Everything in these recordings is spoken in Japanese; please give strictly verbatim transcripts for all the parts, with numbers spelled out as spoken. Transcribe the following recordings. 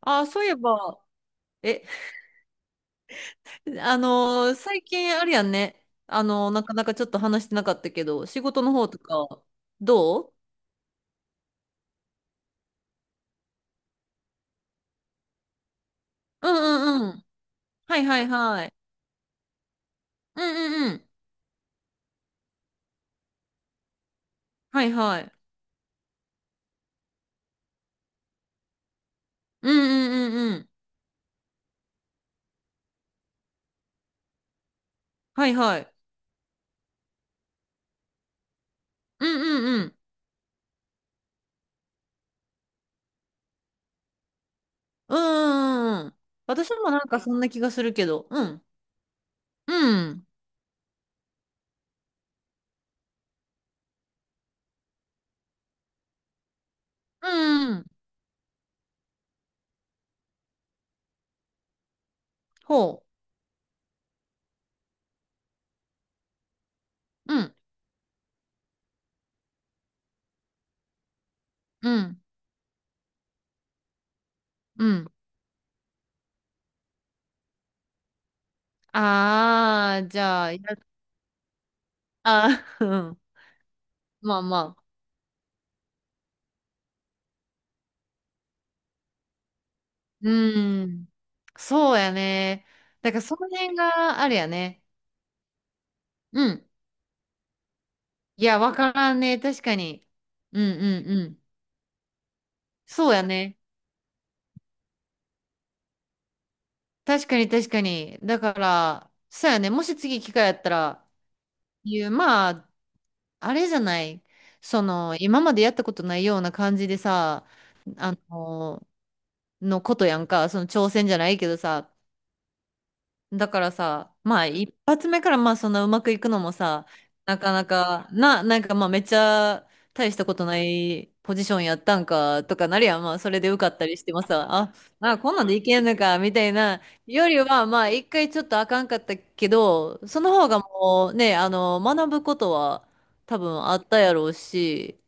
ああ、そういえば、え、あのー最近あれやんね。あのーなかなかちょっと話してなかったけど、仕事の方とか、どう？うんうんうん。はいはいはい。うんうんうん。はいはい。うんうんうんうん。はいはい。うんうんうん。うんうんうん。私もなんかそんな気がするけど、うん。うん。うんうん。ほう。うん。うん。うん。ああ、じゃあ、や。 ああ、うん。まあまあ。うん。そうやね。だからその辺があるやね。うん。いや、わからんね。確かに。うんうんうん。そうやね。確かに確かに。だから、そうやね。もし次機会やったら、いう、まあ、あれじゃない。その、今までやったことないような感じでさ、あの、のことやんか。その挑戦じゃないけどさ、だからさ、まあ一発目からまあそんなうまくいくのもさ、なかなか、な、なんかまあめっちゃ大したことないポジションやったんかとかなるやん。まあそれで受かったりしてもさ、あ、あ、こんなんでいけんのかみたいなよりはまあ一回ちょっとあかんかったけど、その方がもうね、あの、学ぶことは多分あったやろうし、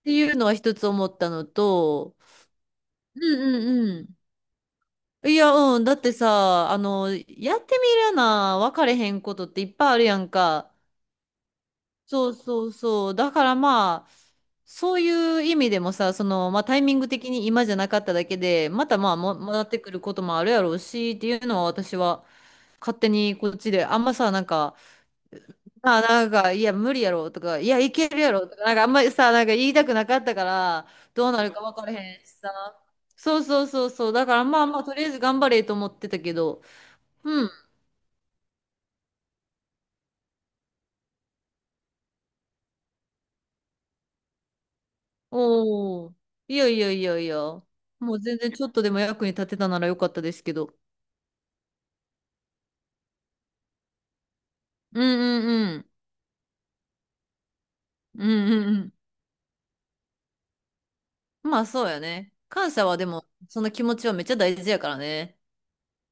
っていうのは一つ思ったのと、うんうんうん。いや、うん。だってさ、あの、やってみるな、分かれへんことっていっぱいあるやんか。そうそうそう。だからまあ、そういう意味でもさ、その、まあタイミング的に今じゃなかっただけで、またまあ、も、戻ってくることもあるやろうし、っていうのは私は勝手にこっちで、あんまさ、なんか、あ、なんか、いや、無理やろとか、いや、いけるやろとか、なんかあんまりさ、なんか言いたくなかったから、どうなるか分かれへんしさ。そうそうそうそう。だからまあまあ、とりあえず頑張れと思ってたけど、うん。おお、いやいやいやいや。もう全然ちょっとでも役に立てたならよかったですけど。うんうんうん。うんうんうん。まあそうやね。感謝はでも、その気持ちはめっちゃ大事やからね。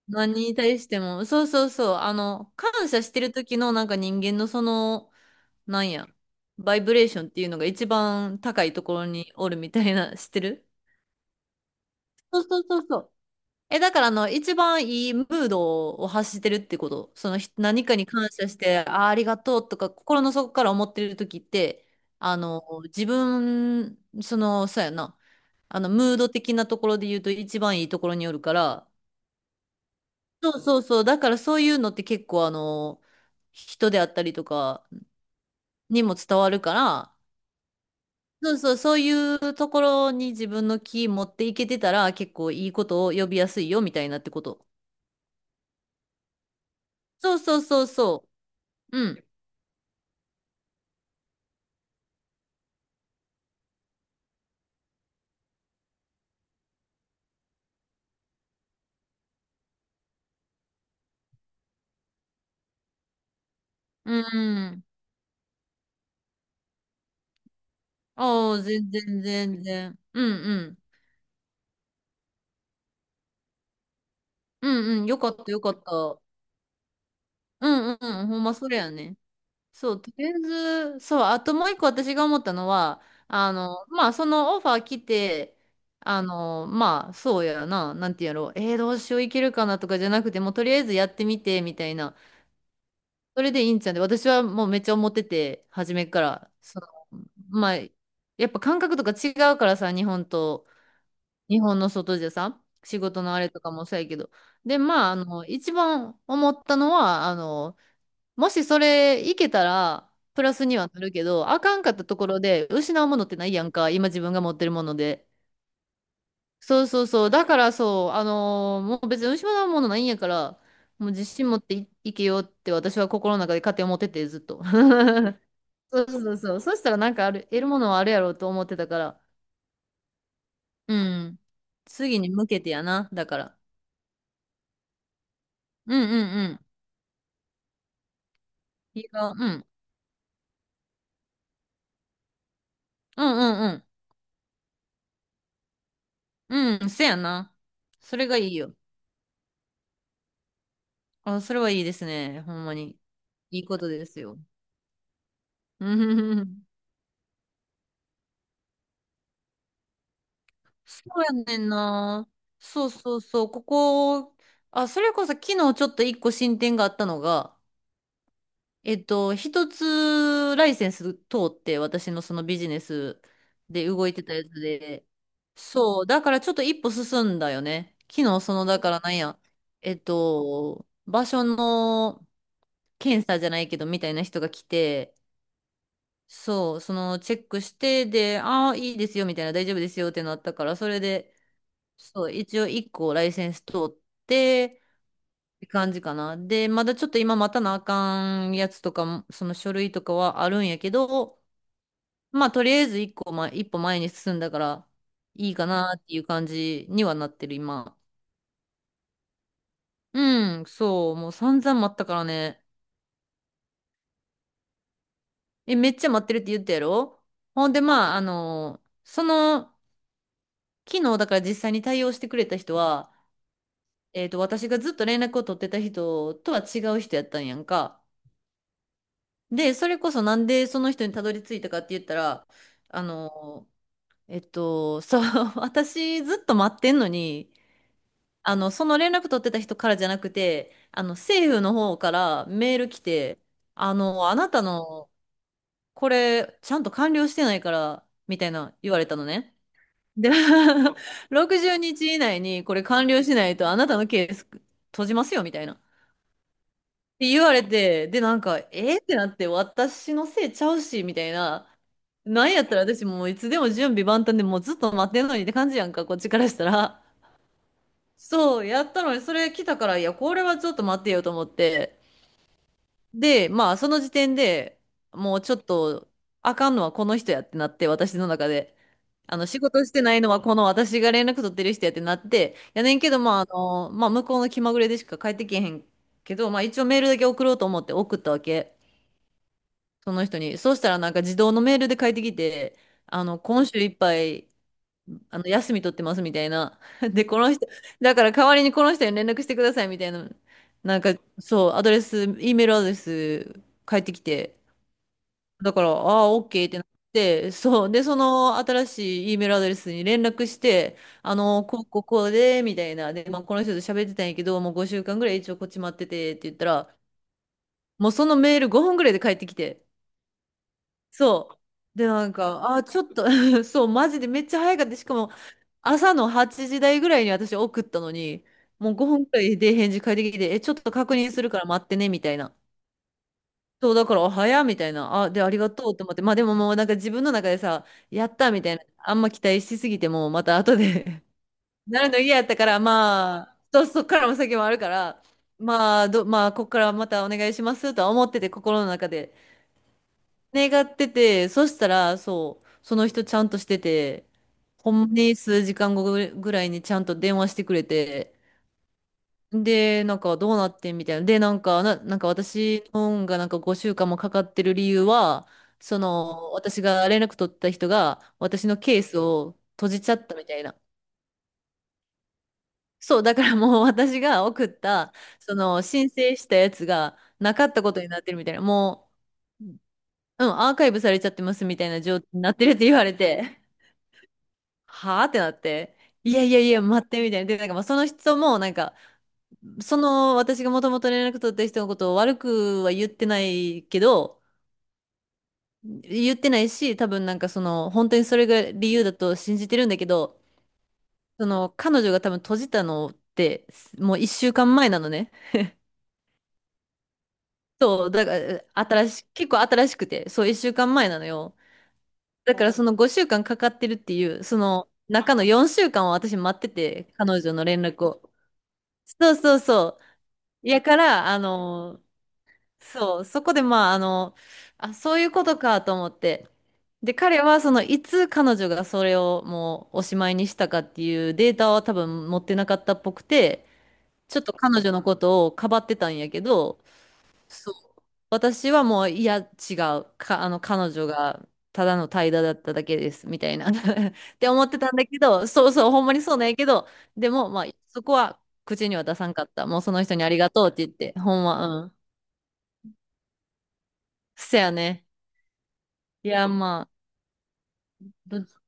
何に対しても。そうそうそう。あの、感謝してる時のなんか人間のその、なんや、バイブレーションっていうのが一番高いところにおるみたいな、知ってる？そうそうそうそう。え、だからあの、一番いいムードを発してるってこと。そのひ何かに感謝して、あー、ありがとうとか、心の底から思ってる時って、あの、自分、その、そうやな、あの、ムード的なところで言うと一番いいところによるから、そうそうそう、だからそういうのって結構あの、人であったりとかにも伝わるから、そうそう、そういうところに自分の気持っていけてたら、結構いいことを呼びやすいよ、みたいなってこと。そうそうそうそう。うん。うん。ああ、全然全然。うんうん。うんうん。よかったよかった。うんうんうん。ほんまそれやね。そう、とりあえず、そう、あともう一個私が思ったのは、あの、まあ、そのオファー来て、あの、まあ、そうやな、なんていうんやろう、えー、どうしよういけるかなとかじゃなくて、もうとりあえずやってみて、みたいな。それでいいんちゃうんで、私はもうめっちゃ思ってて、初めから。その、まあ、やっぱ感覚とか違うからさ、日本と。日本の外じゃさ、仕事のあれとかもそうやけど。で、まあ、あの、一番思ったのは、あの、もしそれいけたら、プラスにはなるけど、あかんかったところで失うものってないやんか、今自分が持ってるもので。そうそうそう。だからそう、あのーもう別に失うものないんやから、もう自信持ってい、いけよって私は心の中で勝手に思ってて、ずっと。そうそうそう。そしたらなんかある、得るものはあるやろうと思ってたから。うん。次に向けてやな、だから。うんうんうん。いいが、うん。うんうんうん。うん、せやな。それがいいよ。あ、それはいいですね。ほんまに。いいことですよ。うんうんうん。 そうやねんな。そうそうそう。ここ、あ、それこそ昨日ちょっと一個進展があったのが、えっと、一つライセンス通って私のそのビジネスで動いてたやつで、そう、だからちょっと一歩進んだよね。昨日その、だからなんや、えっと、場所の検査じゃないけどみたいな人が来て、そう、そのチェックして、で、ああ、いいですよみたいな、大丈夫ですよってなったから、それで、そう、一応一個ライセンス通って、って感じかな。で、まだちょっと今待たなあかんやつとかも、その書類とかはあるんやけど、まあとりあえず一個前、一歩前に進んだからいいかなっていう感じにはなってる今。うん、そう、もう散々待ったからね。え、めっちゃ待ってるって言ったやろ。ほんで、まあ、あの、その、昨日だから実際に対応してくれた人は、えっと、私がずっと連絡を取ってた人とは違う人やったんやんか。で、それこそなんでその人にたどり着いたかって言ったら、あの、えっと、そう、私ずっと待ってんのに、あの、その連絡取ってた人からじゃなくて、あの、政府の方からメール来て、あの、あなたの、これ、ちゃんと完了してないから、みたいな言われたのね。で、ろくじゅうにち以内にこれ完了しないと、あなたのケース閉じますよ、みたいな。って言われて、で、なんか、えー、ってなって、私のせいちゃうし、みたいな。なんやったら私もういつでも準備万端でもうずっと待ってんのにって感じやんか、こっちからしたら。そう、やったのに、それ来たから、いや、これはちょっと待ってよと思って。で、まあ、その時点でもうちょっと、あかんのはこの人やってなって、私の中で。あの、仕事してないのはこの私が連絡取ってる人やってなって、やねんけど、まあ、あの、まあ、向こうの気まぐれでしか帰ってけへんけど、まあ、一応メールだけ送ろうと思って送ったわけ。その人に。そうしたらなんか自動のメールで帰ってきて、あの、今週いっぱいあの、休み取ってますみたいな。で、この人、だから代わりにこの人に連絡してくださいみたいな。なんか、そう、アドレス、E メールアドレス返ってきて、だから、ああ、OK ってなって、そう、で、その新しい E メールアドレスに連絡して、あの、こう、こう、こうで、みたいな。で、まあ、この人と喋ってたんやけど、もうごしゅうかんぐらい一応こっち待っててって言ったら、もうそのメールごふんぐらいで返ってきて、そう。で、なんか、あーちょっと そう、マジでめっちゃ早かった。しかも、朝のはちじ台ぐらいに私送ったのに、もうごふんくらいで返事返ってきて、え、ちょっと確認するから待ってね、みたいな。そう、だから、あ早っみたいな。あ、で、ありがとうって思って。まあでももうなんか自分の中でさ、やったみたいな。あんま期待しすぎても、また後で なるの嫌やったから、まあ、そう、そっからも先もあるから、まあ、ど、まあ、こっからまたお願いしますとは思ってて、心の中で。願ってて、そしたら、そう、その人ちゃんとしてて、ほんまに数時間後ぐらいにちゃんと電話してくれて、で、なんかどうなってんみたいな。で、なんか、な、なんか私の本がなんかごしゅうかんもかかってる理由は、その、私が連絡取った人が、私のケースを閉じちゃったみたいな。そう、だからもう 私が送った、その、申請したやつがなかったことになってるみたいな。もう、うん、アーカイブされちゃってますみたいな状態になってるって言われて。はあってなって、いやいやいや、待って、みたいな。で、なんかまあその人も、なんか、その私がもともと連絡取った人のことを悪くは言ってないけど、言ってないし、多分なんかその、本当にそれが理由だと信じてるんだけど、その、彼女が多分閉じたのって、もう一週間前なのね。そう、だから、新し、結構新しくて、そう、一週間前なのよ。だからそのごしゅうかんかんかかってるっていう、その、中のよんしゅうかんを私待ってて、彼女の連絡を。そうそうそう。いやから、あの、そう、そこでまあ、あの、あ、そういうことかと思って。で、彼はその、いつ彼女がそれをもうおしまいにしたかっていうデータは多分持ってなかったっぽくて、ちょっと彼女のことをかばってたんやけど、そう。私はもう、いや、違う。か、あの、彼女が、ただの怠惰だっただけです、みたいな。って思ってたんだけど、そうそう、ほんまにそうなんやけど、でも、まあ、そこは口には出さんかった。もうその人にありがとうって言って、ほんま、うん。せやね。いや、まあ、ど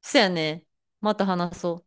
せやね。また話そう。